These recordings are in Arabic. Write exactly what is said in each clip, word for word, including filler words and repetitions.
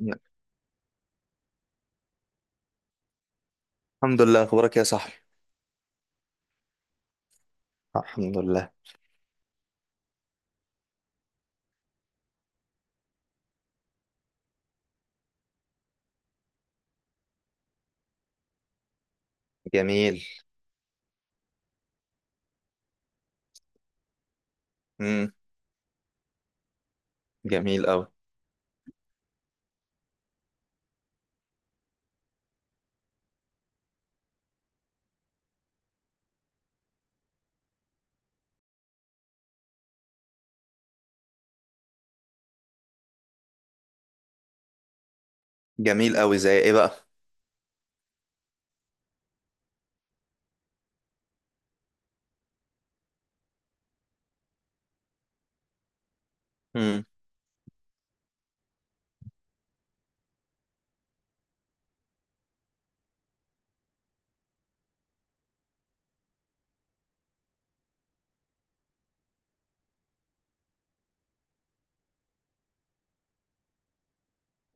يلا. الحمد لله، اخبارك يا صاحبي. الحمد لله. جميل. امم. جميل قوي. جميل قوي، زي ايه بقى؟ امم.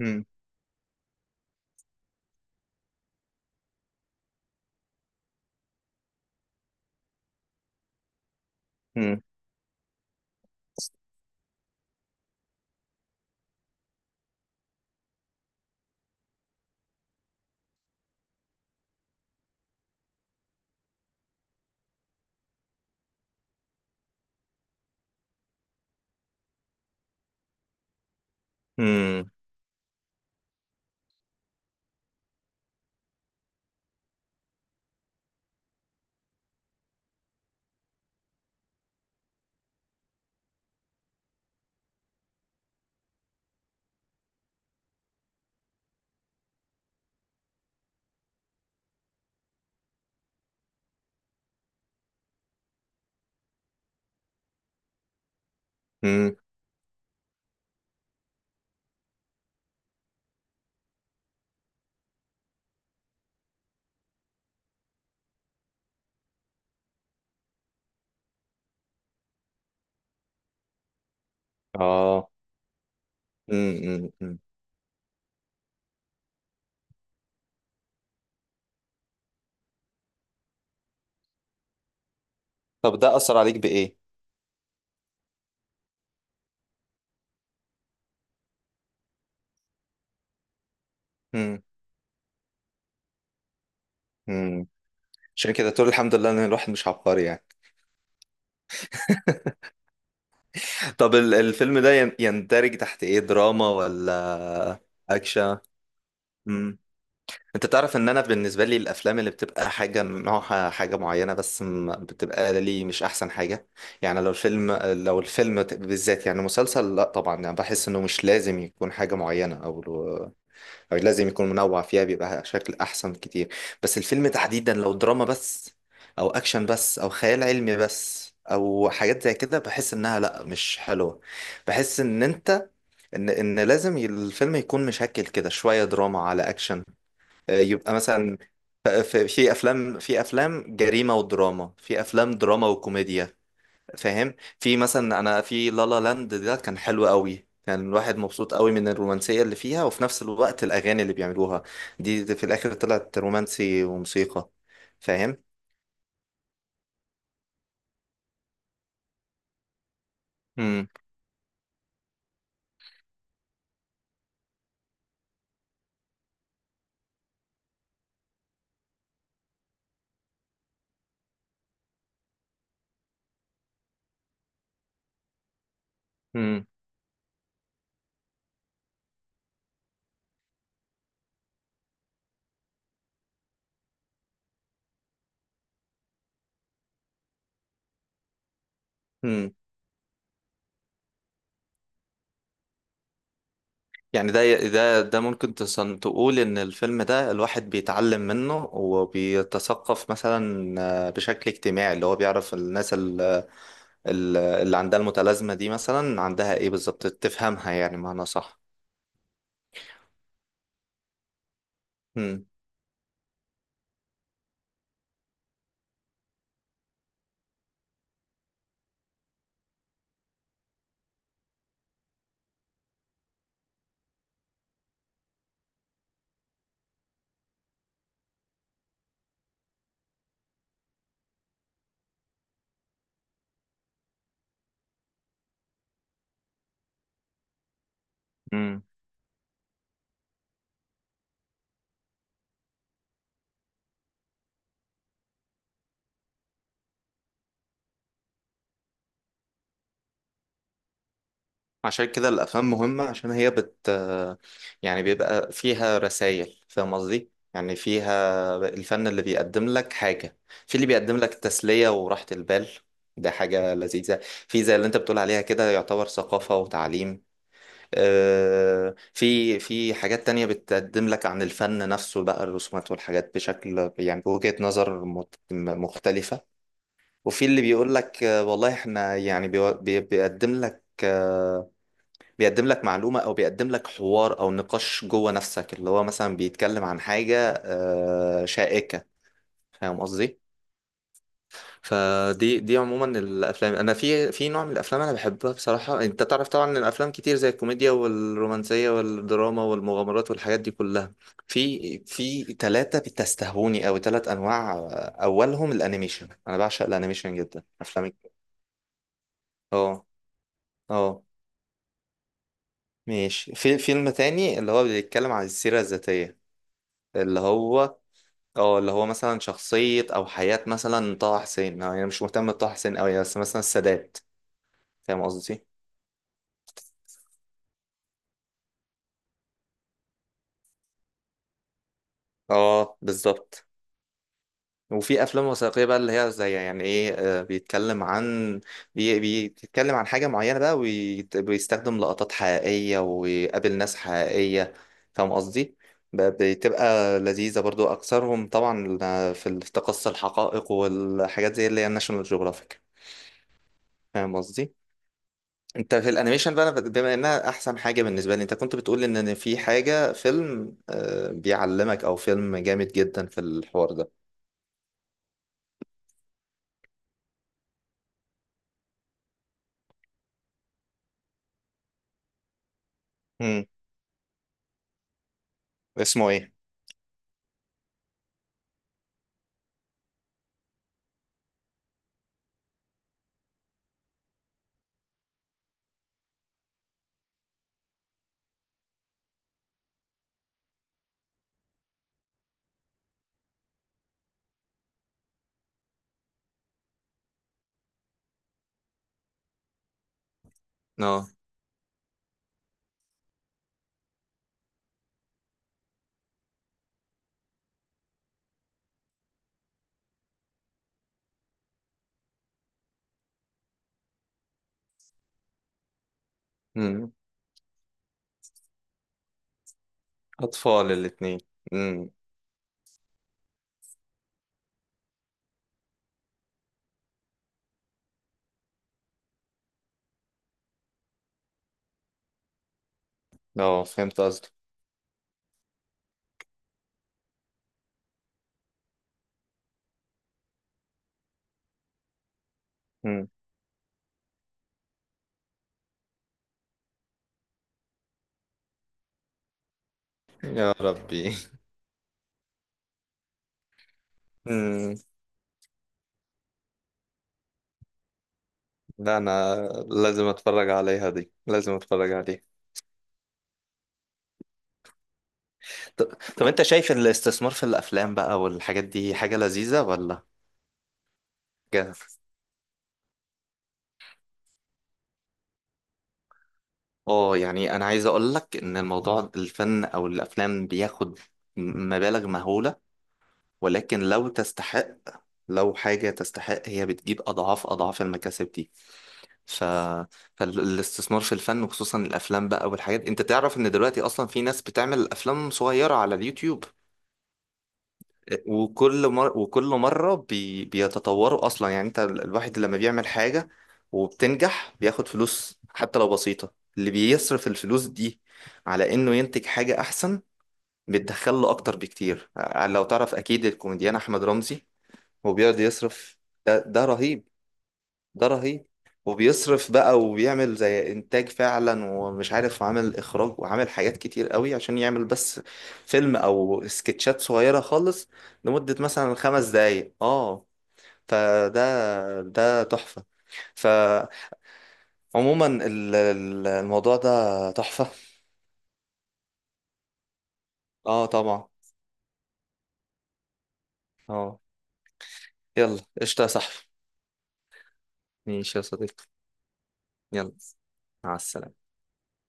امم. امم. امم. امم. اه. امم. امم. أمم. طب ده اثر عليك بايه؟ امم. امم. عشان كده تقول الحمد لله ان الواحد مش عبقري يعني. طب ال- الفيلم ده ين- يندرج تحت ايه، دراما ولا اكشن؟ انت تعرف ان انا بالنسبه لي الافلام اللي بتبقى حاجه نوعها حاجه معينه بس م- بتبقى لي مش احسن حاجه. يعني لو الفيلم لو الفيلم ت- بالذات، يعني مسلسل، لا طبعا، يعني بحس انه مش لازم يكون حاجه معينه، او او لازم يكون منوع فيها بيبقى شكل احسن كتير. بس الفيلم تحديدا لو دراما بس، او اكشن بس، او خيال علمي بس، او حاجات زي كده، بحس انها لا مش حلوه. بحس ان انت ان ان لازم ي- الفيلم يكون مشكل كده شويه دراما على اكشن. آه، يبقى مثلا ف- ف- في افلام في افلام جريمه ودراما، في افلام دراما وكوميديا. فاهم؟ في مثلا انا، في لالا لاند ده كان حلو قوي، كان الواحد مبسوط قوي من الرومانسيه اللي فيها وفي نفس الوقت الاغاني اللي بيعملوها دي دي في الاخر طلعت رومانسي وموسيقى. فاهم؟ امم. امم. امم. يعني ده ده ده ممكن تصن تقول ان الفيلم ده الواحد بيتعلم منه وبيتثقف مثلا. آه، بشكل اجتماعي اللي هو بيعرف الناس ال- اللي عندها المتلازمة دي مثلا عندها ايه بالظبط، تفهمها يعني معنى صح. مم. مم. عشان كده الأفلام مهمة عشان هي بت... يعني بيبقى فيها رسائل، فاهم قصدي؟ يعني فيها الفن اللي بيقدم لك حاجة. في اللي بيقدم لك تسلية وراحة البال، ده حاجة لذيذة. في زي اللي انت بتقول عليها كده يعتبر ثقافة وتعليم. آه، في في حاجات تانية بتقدم لك عن الفن نفسه بقى، الرسومات والحاجات بشكل يعني بوجهة نظر مت- مختلفة. وفي اللي بيقول لك آه، والله احنا يعني بيو- بي- بيقدم لك آه، بيقدم لك معلومة، أو بيقدم لك حوار أو نقاش جوه نفسك اللي هو مثلا بيتكلم عن حاجة آه، شائكة. فاهم قصدي؟ فدي دي عموما الافلام، انا في في نوع من الافلام انا بحبها بصراحه. انت تعرف طبعا ان الافلام كتير زي الكوميديا والرومانسيه والدراما والمغامرات والحاجات دي كلها. في في ثلاثه بتستهوني قوي، ثلاث انواع. اولهم الانيميشن، انا بعشق الانيميشن جدا، افلام. اه. اه. ماشي. في فيلم تاني اللي هو بيتكلم عن السيره الذاتيه، اللي هو، اه اللي هو مثلا شخصيه او حياه مثلا طه حسين، يعني انا يعني مش مهتم بطه حسين قوي، بس مثلا السادات. فاهم قصدي؟ اه بالظبط. وفي افلام وثائقيه بقى اللي هي زي، يعني ايه، آه، بيتكلم عن بي بيتكلم عن حاجه معينه بقى، وبيستخدم لقطات حقيقيه ويقابل ناس حقيقيه. فاهم قصدي؟ ب- بتبقى لذيذه برضو اكثرهم طبعا، في التقصي الحقائق والحاجات زي اللي هي ناشونال جيوغرافيك. فاهم قصدي؟ انت في الانيميشن بقى، أنا بما انها احسن حاجه بالنسبه لي، انت كنت بتقول ان إن في حاجه فيلم آه، بيعلمك او فيلم جامد جدا في الحوار. ده اسمه ايه؟ اه. امم. اطفال الاتنين. امم. اه فهمت قصدك. امم. يا ربي. امم. لا انا لازم اتفرج عليها دي، لازم اتفرج عليها. طب, طب انت شايف الاستثمار في الافلام بقى والحاجات دي حاجة لذيذة ولا جهل؟ اه يعني انا عايز اقول لك ان الموضوع، الفن او الافلام بياخد م- مبالغ مهولة، ولكن لو تستحق، لو حاجة تستحق هي بتجيب اضعاف اضعاف المكاسب دي. ف... فالاستثمار في الفن وخصوصا الافلام بقى والحاجات، انت تعرف ان دلوقتي اصلا في ناس بتعمل افلام صغيره على اليوتيوب. آه، وكل مر... وكل مره بي... بيتطوروا اصلا. يعني انت ال- الواحد لما بيعمل حاجه وبتنجح بياخد فلوس حتى لو بسيطه، اللي بيصرف الفلوس دي على انه ينتج حاجه احسن بتدخل له اكتر بكتير. ع- لو تعرف اكيد الكوميديان احمد رمزي، هو بيقعد يصرف. ده, ده رهيب. ده رهيب. وبيصرف بقى وبيعمل زي انتاج فعلا، ومش عارف، وعامل اخراج وعامل حاجات كتير قوي عشان يعمل بس فيلم او سكتشات صغيرة خالص لمدة مثلا خمس دقايق. اه. فده ده تحفة. فعموما ال- ال- الموضوع ده تحفة. اه طبعا. اه يلا قشطة يا صاحبي. ماشي يا صديقي. يلا مع السلامة.